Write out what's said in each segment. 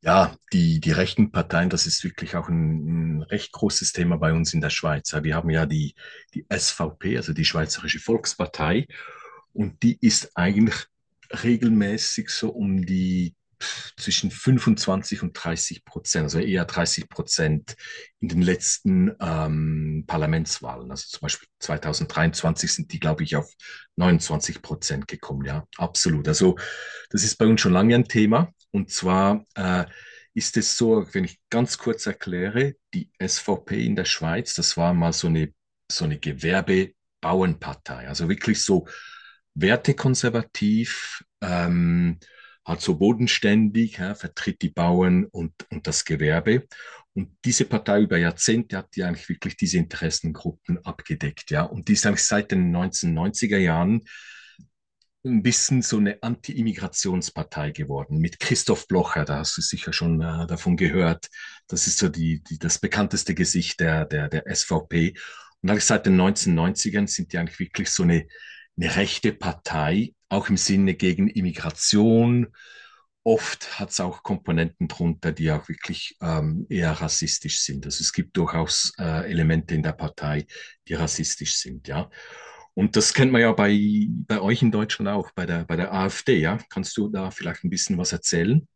Ja, die rechten Parteien, das ist wirklich auch ein recht großes Thema bei uns in der Schweiz. Ja, wir haben ja die SVP, also die Schweizerische Volkspartei, und die ist eigentlich regelmäßig so um die zwischen 25 und 30%, also eher 30% in den letzten Parlamentswahlen. Also zum Beispiel 2023 sind die, glaube ich, auf 29% gekommen. Ja, absolut. Also das ist bei uns schon lange ein Thema. Und zwar ist es so, wenn ich ganz kurz erkläre, die SVP in der Schweiz, das war mal so eine Gewerbebauernpartei, also wirklich so wertekonservativ, halt so bodenständig, ja, vertritt die Bauern und das Gewerbe. Und diese Partei über Jahrzehnte hat ja eigentlich wirklich diese Interessengruppen abgedeckt, ja. Und die ist eigentlich seit den 1990er Jahren ein bisschen so eine Anti-Immigrationspartei geworden mit Christoph Blocher. Da hast du sicher schon davon gehört. Das ist so das bekannteste Gesicht der SVP. Und eigentlich seit den 1990ern sind die eigentlich wirklich so eine rechte Partei, auch im Sinne gegen Immigration. Oft hat es auch Komponenten drunter, die auch wirklich eher rassistisch sind. Also es gibt durchaus Elemente in der Partei, die rassistisch sind, ja. Und das kennt man ja bei euch in Deutschland auch, bei der AfD, ja. Kannst du da vielleicht ein bisschen was erzählen?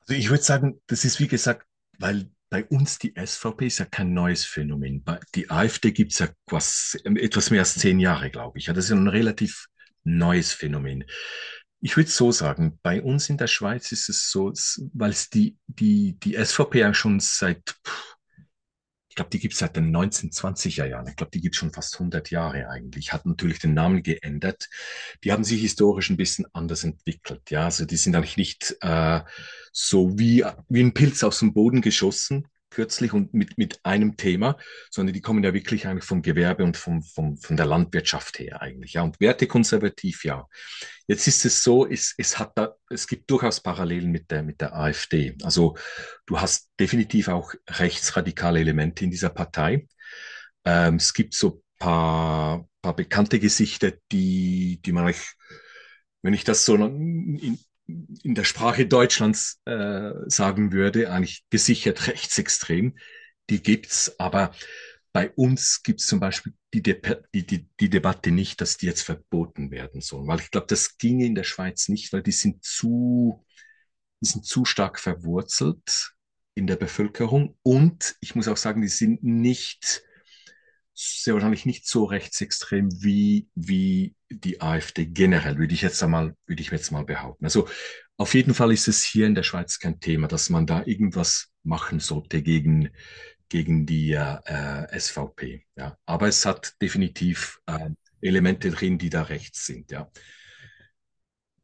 Also ich würde sagen, das ist wie gesagt, weil bei uns die SVP ist ja kein neues Phänomen. Die AfD gibt es ja quasi etwas mehr als 10 Jahre, glaube ich. Ja, das ist ja ein relativ neues Phänomen. Ich würde es so sagen, bei uns in der Schweiz ist es so, weil es die SVP ja schon seit ich glaube, die gibt es seit den 1920er Jahren. Ich glaube, die gibt es schon fast 100 Jahre eigentlich. Hat natürlich den Namen geändert, die haben sich historisch ein bisschen anders entwickelt. Ja, also die sind eigentlich nicht so wie ein Pilz aus dem Boden geschossen kürzlich und mit einem Thema, sondern die kommen ja wirklich eigentlich vom Gewerbe und von der Landwirtschaft her eigentlich. Ja, und wertekonservativ, ja. Jetzt ist es so, es hat da, es gibt durchaus Parallelen mit der AfD. Also du hast definitiv auch rechtsradikale Elemente in dieser Partei. Es gibt so paar bekannte Gesichter, die man eigentlich wenn ich das so in der Sprache Deutschlands sagen würde, eigentlich gesichert rechtsextrem. Die gibt's, aber bei uns gibt's zum Beispiel die Debatte nicht, dass die jetzt verboten werden sollen, weil ich glaube, das ginge in der Schweiz nicht, weil die sind zu stark verwurzelt in der Bevölkerung und ich muss auch sagen, die sind nicht sehr wahrscheinlich nicht so rechtsextrem wie die AfD generell, würde ich jetzt mal behaupten. Also auf jeden Fall ist es hier in der Schweiz kein Thema, dass man da irgendwas machen sollte gegen die SVP. Ja. Aber es hat definitiv Elemente drin, die da rechts sind. Ja.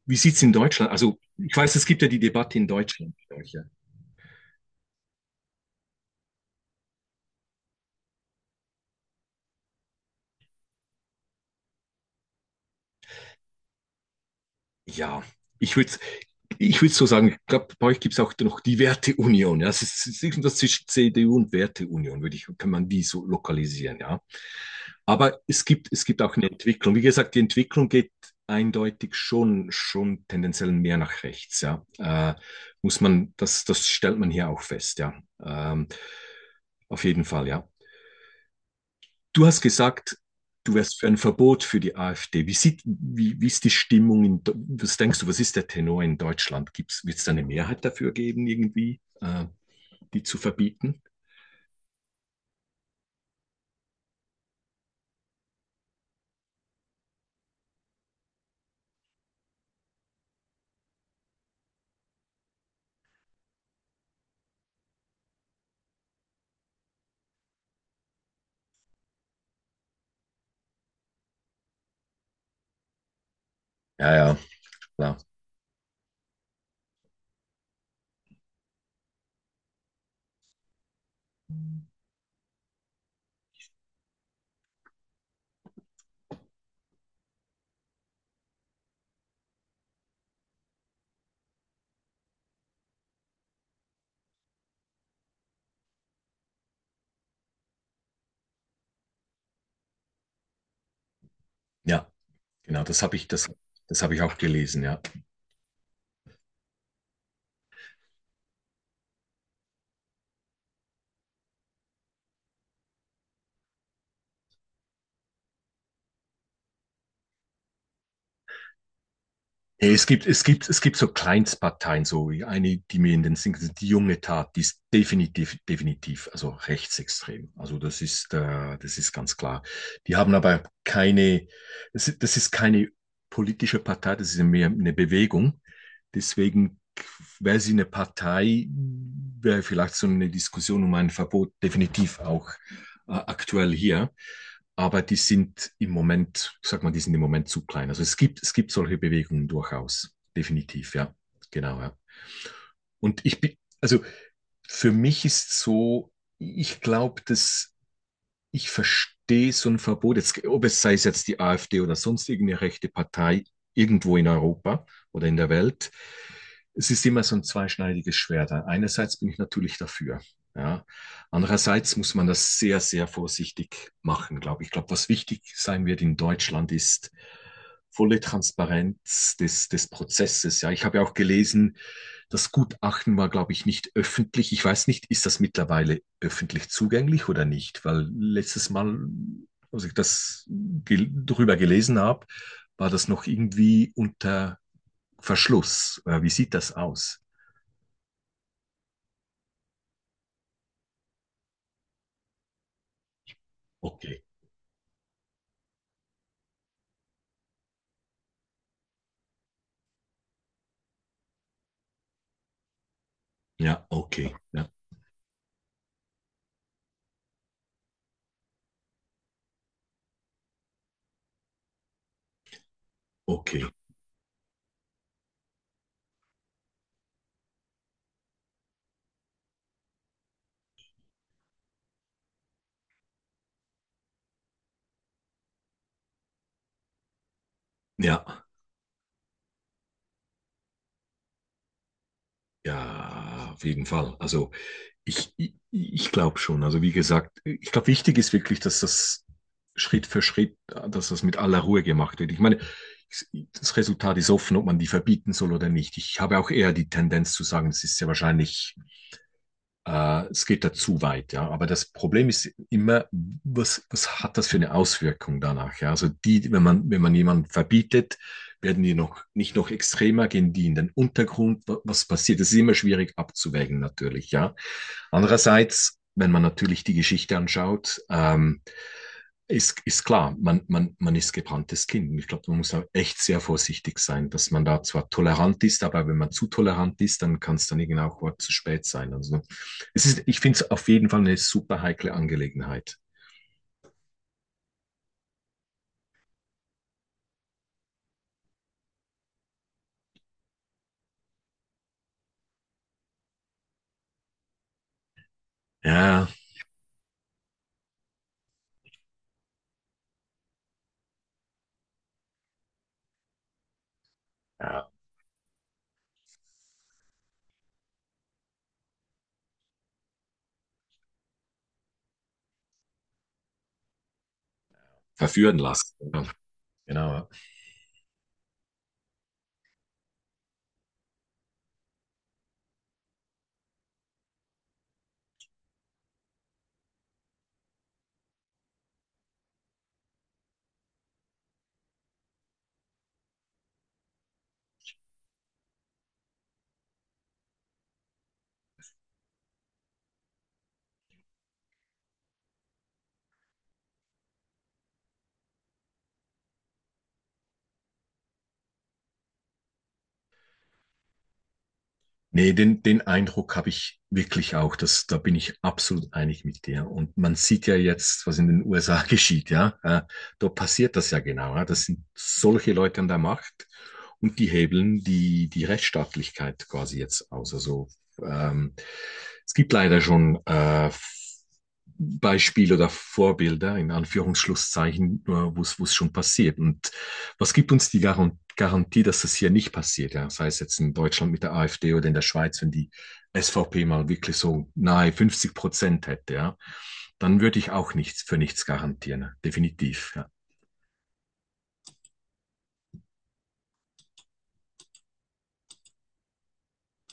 Wie sieht's in Deutschland? Also ich weiß, es gibt ja die Debatte in Deutschland. Ja. Ja, ich würde ich würd so sagen, ich glaube, bei euch gibt es auch noch die Werteunion. Ja? Es ist irgendwas zwischen CDU und Werteunion, würde ich, kann man die so lokalisieren, ja. Aber es gibt auch eine Entwicklung. Wie gesagt, die Entwicklung geht eindeutig schon tendenziell mehr nach rechts, ja. Muss man, das stellt man hier auch fest, ja. Ähm, auf jeden Fall, ja. Du hast gesagt, du wärst für ein Verbot für die AfD. Wie ist die Stimmung? Was denkst du, was ist der Tenor in Deutschland? Wird es da eine Mehrheit dafür geben, irgendwie, die zu verbieten? Ja, ja, klar. Ja, genau, das hab ich auch gelesen, ja. Nee, es gibt, es gibt, es gibt so Kleinstparteien, so wie eine, die mir in den Sinn kommt, die junge Tat, die ist definitiv, definitiv, also rechtsextrem. Also das ist ganz klar. Die haben aber keine, das ist keine politische Partei, das ist ja mehr eine Bewegung. Deswegen wäre sie eine Partei, wäre vielleicht so eine Diskussion um ein Verbot definitiv auch aktuell hier. Aber die sind im Moment, ich sag mal, die sind im Moment zu klein. Also es gibt solche Bewegungen durchaus. Definitiv, ja. Genau, ja. Und ich bin, also für mich ist so, ich glaube, dass ich verstehe so ein Verbot, jetzt, ob es sei es jetzt die AfD oder sonst irgendeine rechte Partei irgendwo in Europa oder in der Welt. Es ist immer so ein zweischneidiges Schwert. Einerseits bin ich natürlich dafür. Ja. Andererseits muss man das sehr vorsichtig machen, glaube ich. Ich glaube, was wichtig sein wird in Deutschland ist volle Transparenz des Prozesses. Ja, ich habe ja auch gelesen, das Gutachten war, glaube ich, nicht öffentlich. Ich weiß nicht, ist das mittlerweile öffentlich zugänglich oder nicht? Weil letztes Mal, als ich das drüber gelesen habe, war das noch irgendwie unter Verschluss. Wie sieht das aus? Okay. Ja, okay. Ja, okay. Ja. Ja, auf jeden Fall. Also ich glaube schon. Also wie gesagt, ich glaube, wichtig ist wirklich, dass das Schritt für Schritt, dass das mit aller Ruhe gemacht wird. Ich meine, das Resultat ist offen, ob man die verbieten soll oder nicht. Ich habe auch eher die Tendenz zu sagen, es ist ja wahrscheinlich es geht da zu weit, ja. Aber das Problem ist immer, was hat das für eine Auswirkung danach? Ja? Also die, wenn man jemanden verbietet, werden die noch nicht noch extremer, gehen die in den Untergrund. Was passiert? Das ist immer schwierig abzuwägen, natürlich, ja. Andererseits, wenn man natürlich die Geschichte anschaut, ist, ist klar, man ist gebranntes Kind. Und ich glaube, man muss da echt sehr vorsichtig sein, dass man da zwar tolerant ist, aber wenn man zu tolerant ist, dann kann es dann irgendwann auch zu spät sein. Also es ist, ich finde es auf jeden Fall eine super heikle Angelegenheit. Ja, ja verführen lassen. Genau. Nee, den Eindruck habe ich wirklich auch. Da bin ich absolut einig mit dir. Und man sieht ja jetzt, was in den USA geschieht, ja. Da passiert das ja genau. Ja? Das sind solche Leute an der Macht und die hebeln die Rechtsstaatlichkeit quasi jetzt aus. Also ähm, es gibt leider schon Beispiele oder Vorbilder in Anführungsschlusszeichen, wo es schon passiert. Und was gibt uns die Garantie, dass das hier nicht passiert? Ja? Sei es jetzt in Deutschland mit der AfD oder in der Schweiz, wenn die SVP mal wirklich so nahe 50% hätte, ja? Dann würde ich auch nichts für nichts garantieren, definitiv. Ja?